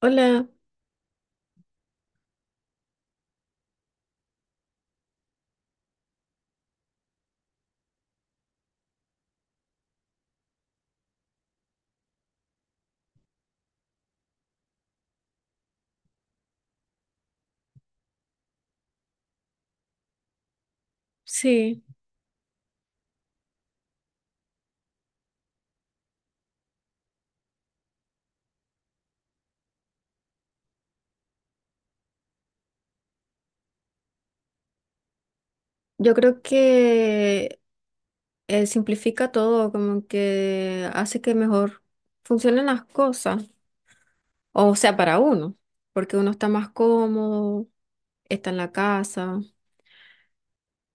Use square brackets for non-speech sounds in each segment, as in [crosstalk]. Hola, sí, yo creo que simplifica todo, como que hace que mejor funcionen las cosas, o sea, para uno, porque uno está más cómodo, está en la casa,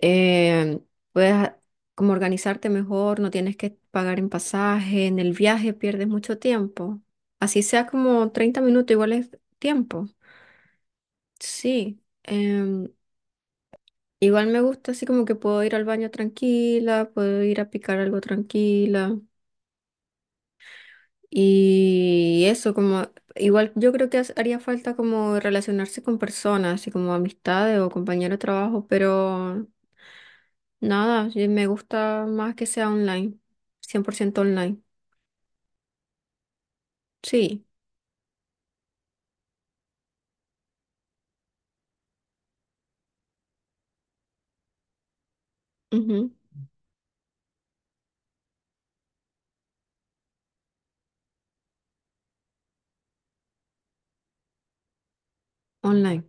eh, puedes a- como organizarte mejor, no tienes que pagar en pasaje, en el viaje pierdes mucho tiempo, así sea como 30 minutos, igual es tiempo, sí. em, Igual me gusta así como que puedo ir al baño tranquila, puedo ir a picar algo tranquila y eso como igual yo creo que haría falta como relacionarse con personas, así como amistades o compañeros de trabajo, pero nada, yo me gusta más que sea online, 100% online. Sí, ujú, online.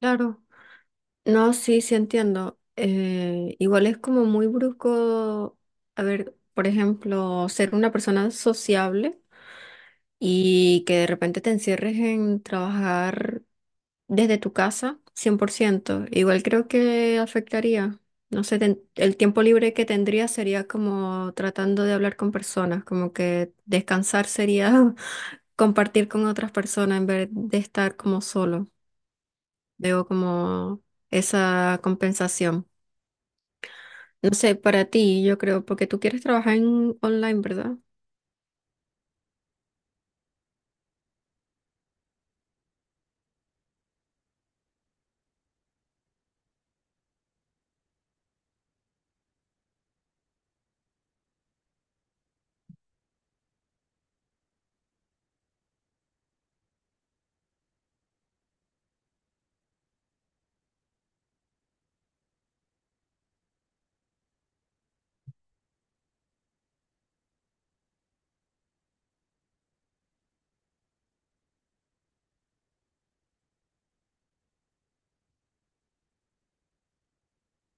Claro. No, sí, sí entiendo. Igual es como muy brusco, a ver, por ejemplo, ser una persona sociable y que de repente te encierres en trabajar desde tu casa, 100%. Igual creo que afectaría. No sé, el tiempo libre que tendría sería como tratando de hablar con personas, como que descansar sería [laughs] compartir con otras personas en vez de estar como solo. Debo como esa compensación. No sé, para ti, yo creo, porque tú quieres trabajar en online, ¿verdad?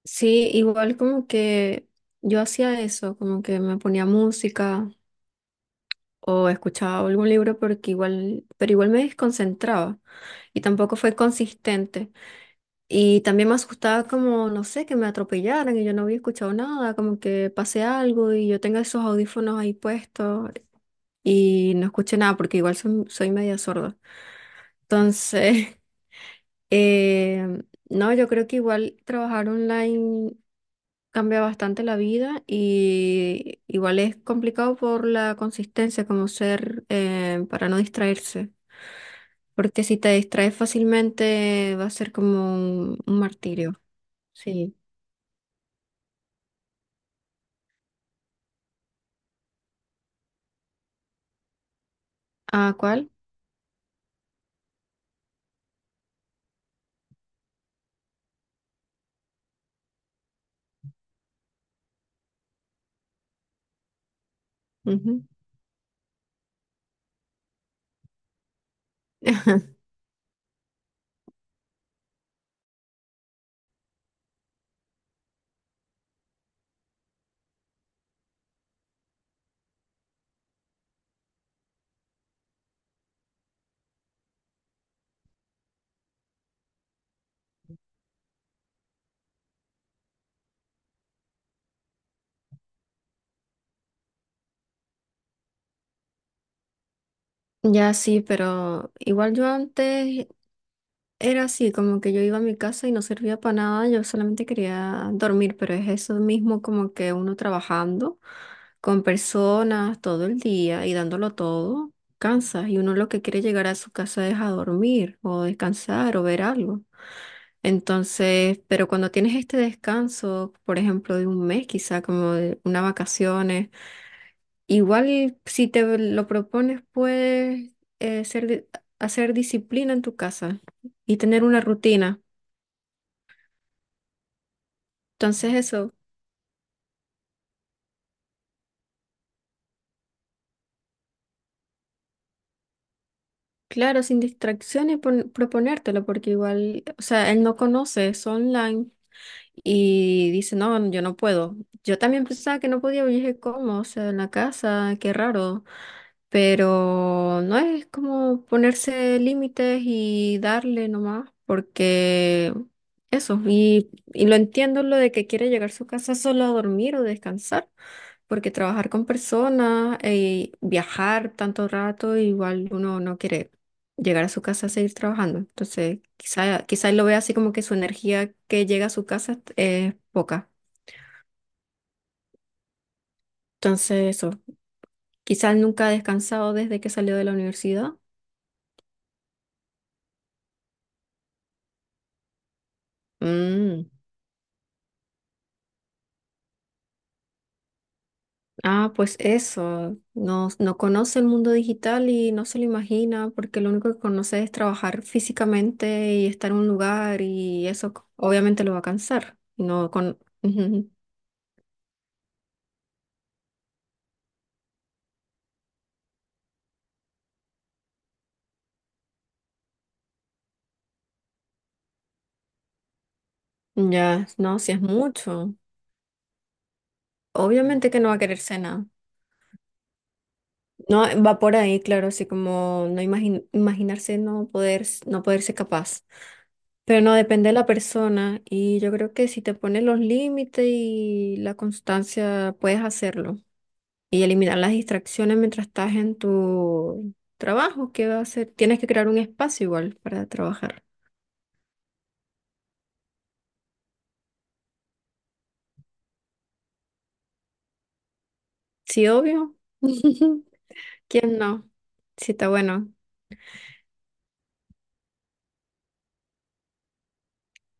Sí, igual como que yo hacía eso, como que me ponía música o escuchaba algún libro porque igual, pero igual me desconcentraba y tampoco fue consistente. Y también me asustaba como, no sé, que me atropellaran y yo no había escuchado nada, como que pase algo y yo tenga esos audífonos ahí puestos y no escuché nada porque igual soy media sorda. Entonces, [laughs] eh, no, yo creo que igual trabajar online cambia bastante la vida y igual es complicado por la consistencia, como ser para no distraerse. Porque si te distraes fácilmente va a ser como un martirio. Sí. ¿A cuál? Ujú. [laughs] Ya sí, pero igual yo antes era así, como que yo iba a mi casa y no servía para nada, yo solamente quería dormir, pero es eso mismo como que uno trabajando con personas todo el día y dándolo todo, cansa y uno lo que quiere llegar a su casa es a dormir o descansar o ver algo. Entonces, pero cuando tienes este descanso, por ejemplo, de un mes quizá, como de unas vacaciones, igual si te lo propones puedes eh, ser, di- hacer disciplina en tu casa y tener una rutina. Entonces eso, claro, sin distracciones proponértelo, porque igual, o sea, él no conoce, es online y dice, no, yo no puedo. Yo también pensaba que no podía, pero yo dije, ¿cómo? O sea, en la casa, qué raro. Pero no es como ponerse límites y darle nomás, porque eso, y lo entiendo lo de que quiere llegar a su casa solo a dormir o descansar, porque trabajar con personas y viajar tanto rato, igual uno no quiere llegar a su casa a seguir trabajando. Entonces, quizá él lo vea así como que su energía que llega a su casa es poca. Entonces, eso, quizá él nunca ha descansado desde que salió de la universidad. Mm. Ah, pues eso, no, no conoce el mundo digital y no se lo imagina porque lo único que conoce es trabajar físicamente y estar en un lugar y eso obviamente lo va a cansar. No con... [laughs] Ya, no, si es mucho. Obviamente que no va a querer cena. No, va por ahí, claro, así como no imaginarse no poder, no poderse capaz. Pero no, depende de la persona y yo creo que si te pones los límites y la constancia, puedes hacerlo. Y eliminar las distracciones mientras estás en tu trabajo, ¿qué va a hacer? Tienes que crear un espacio igual para trabajar. Sí, obvio. [laughs] ¿Quién no? Sí, está bueno.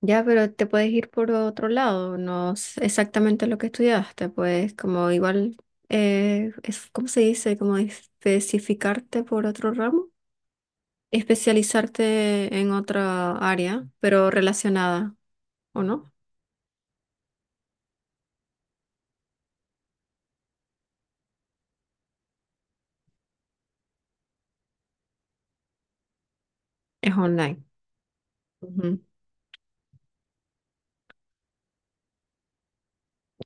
Ya, pero te puedes ir por otro lado, no es exactamente lo que estudiaste, pues como igual, es, ¿cómo se dice? Como especificarte por otro ramo, especializarte en otra área, pero relacionada, ¿o no? Es online. Ujú.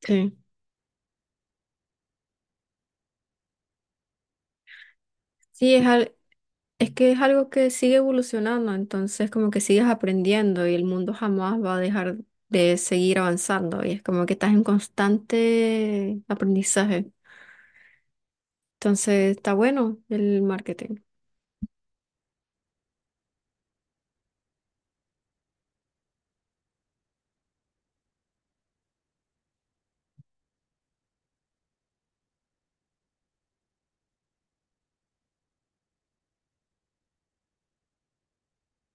Sí. Sí, es que es algo que sigue evolucionando, entonces como que sigues aprendiendo y el mundo jamás va a dejar de seguir avanzando y es como que estás en constante aprendizaje. Entonces está bueno el marketing.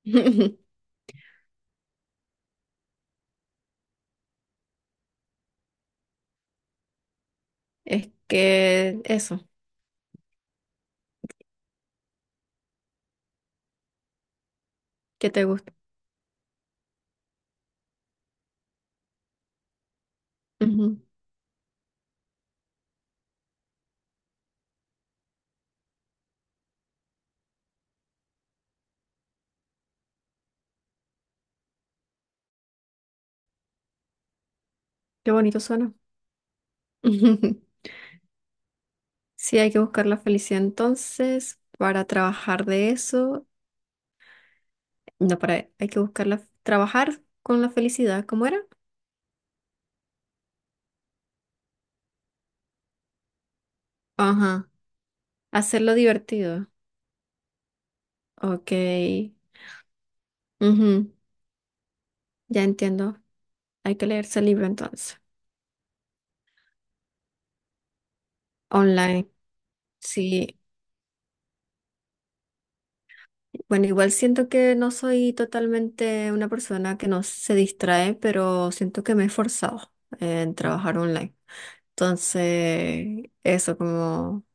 [laughs] Es que eso, que te gusta. Ujú. Qué bonito suena. [laughs] Sí, hay que buscar la felicidad entonces para trabajar de eso. No, para, hay que buscar la, trabajar con la felicidad, ¿cómo era? Ajá, hacerlo divertido. Ok, ujú, ya entiendo. Hay que leerse el libro entonces. Online, sí. Bueno, igual siento que no soy totalmente una persona que no se distrae, pero siento que me he esforzado en trabajar online. Entonces, eso como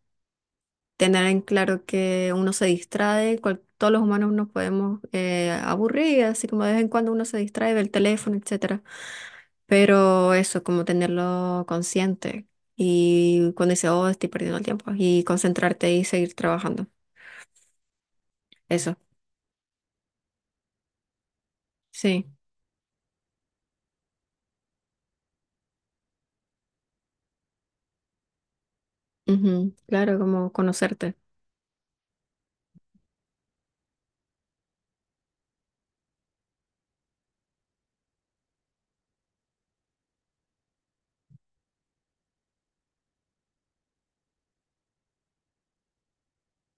tener en claro que uno se distrae, todos los humanos nos podemos aburrir, así como de vez en cuando uno se distrae, ve el teléfono, etcétera. Pero eso, como tenerlo consciente y cuando dice, oh, estoy perdiendo el tiempo, y concentrarte y seguir trabajando. Eso, sí. Ujú, claro, como conocerte.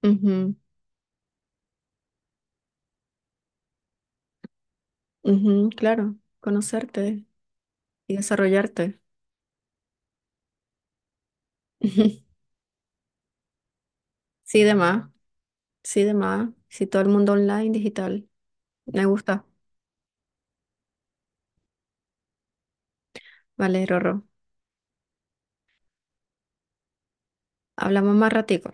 Ujú, ujú, claro, conocerte y desarrollarte. [laughs] Ujú. Sí, de más, sí, de más. Sí, todo el mundo online, digital. Me gusta. Vale, Rorro. Hablamos más ratico.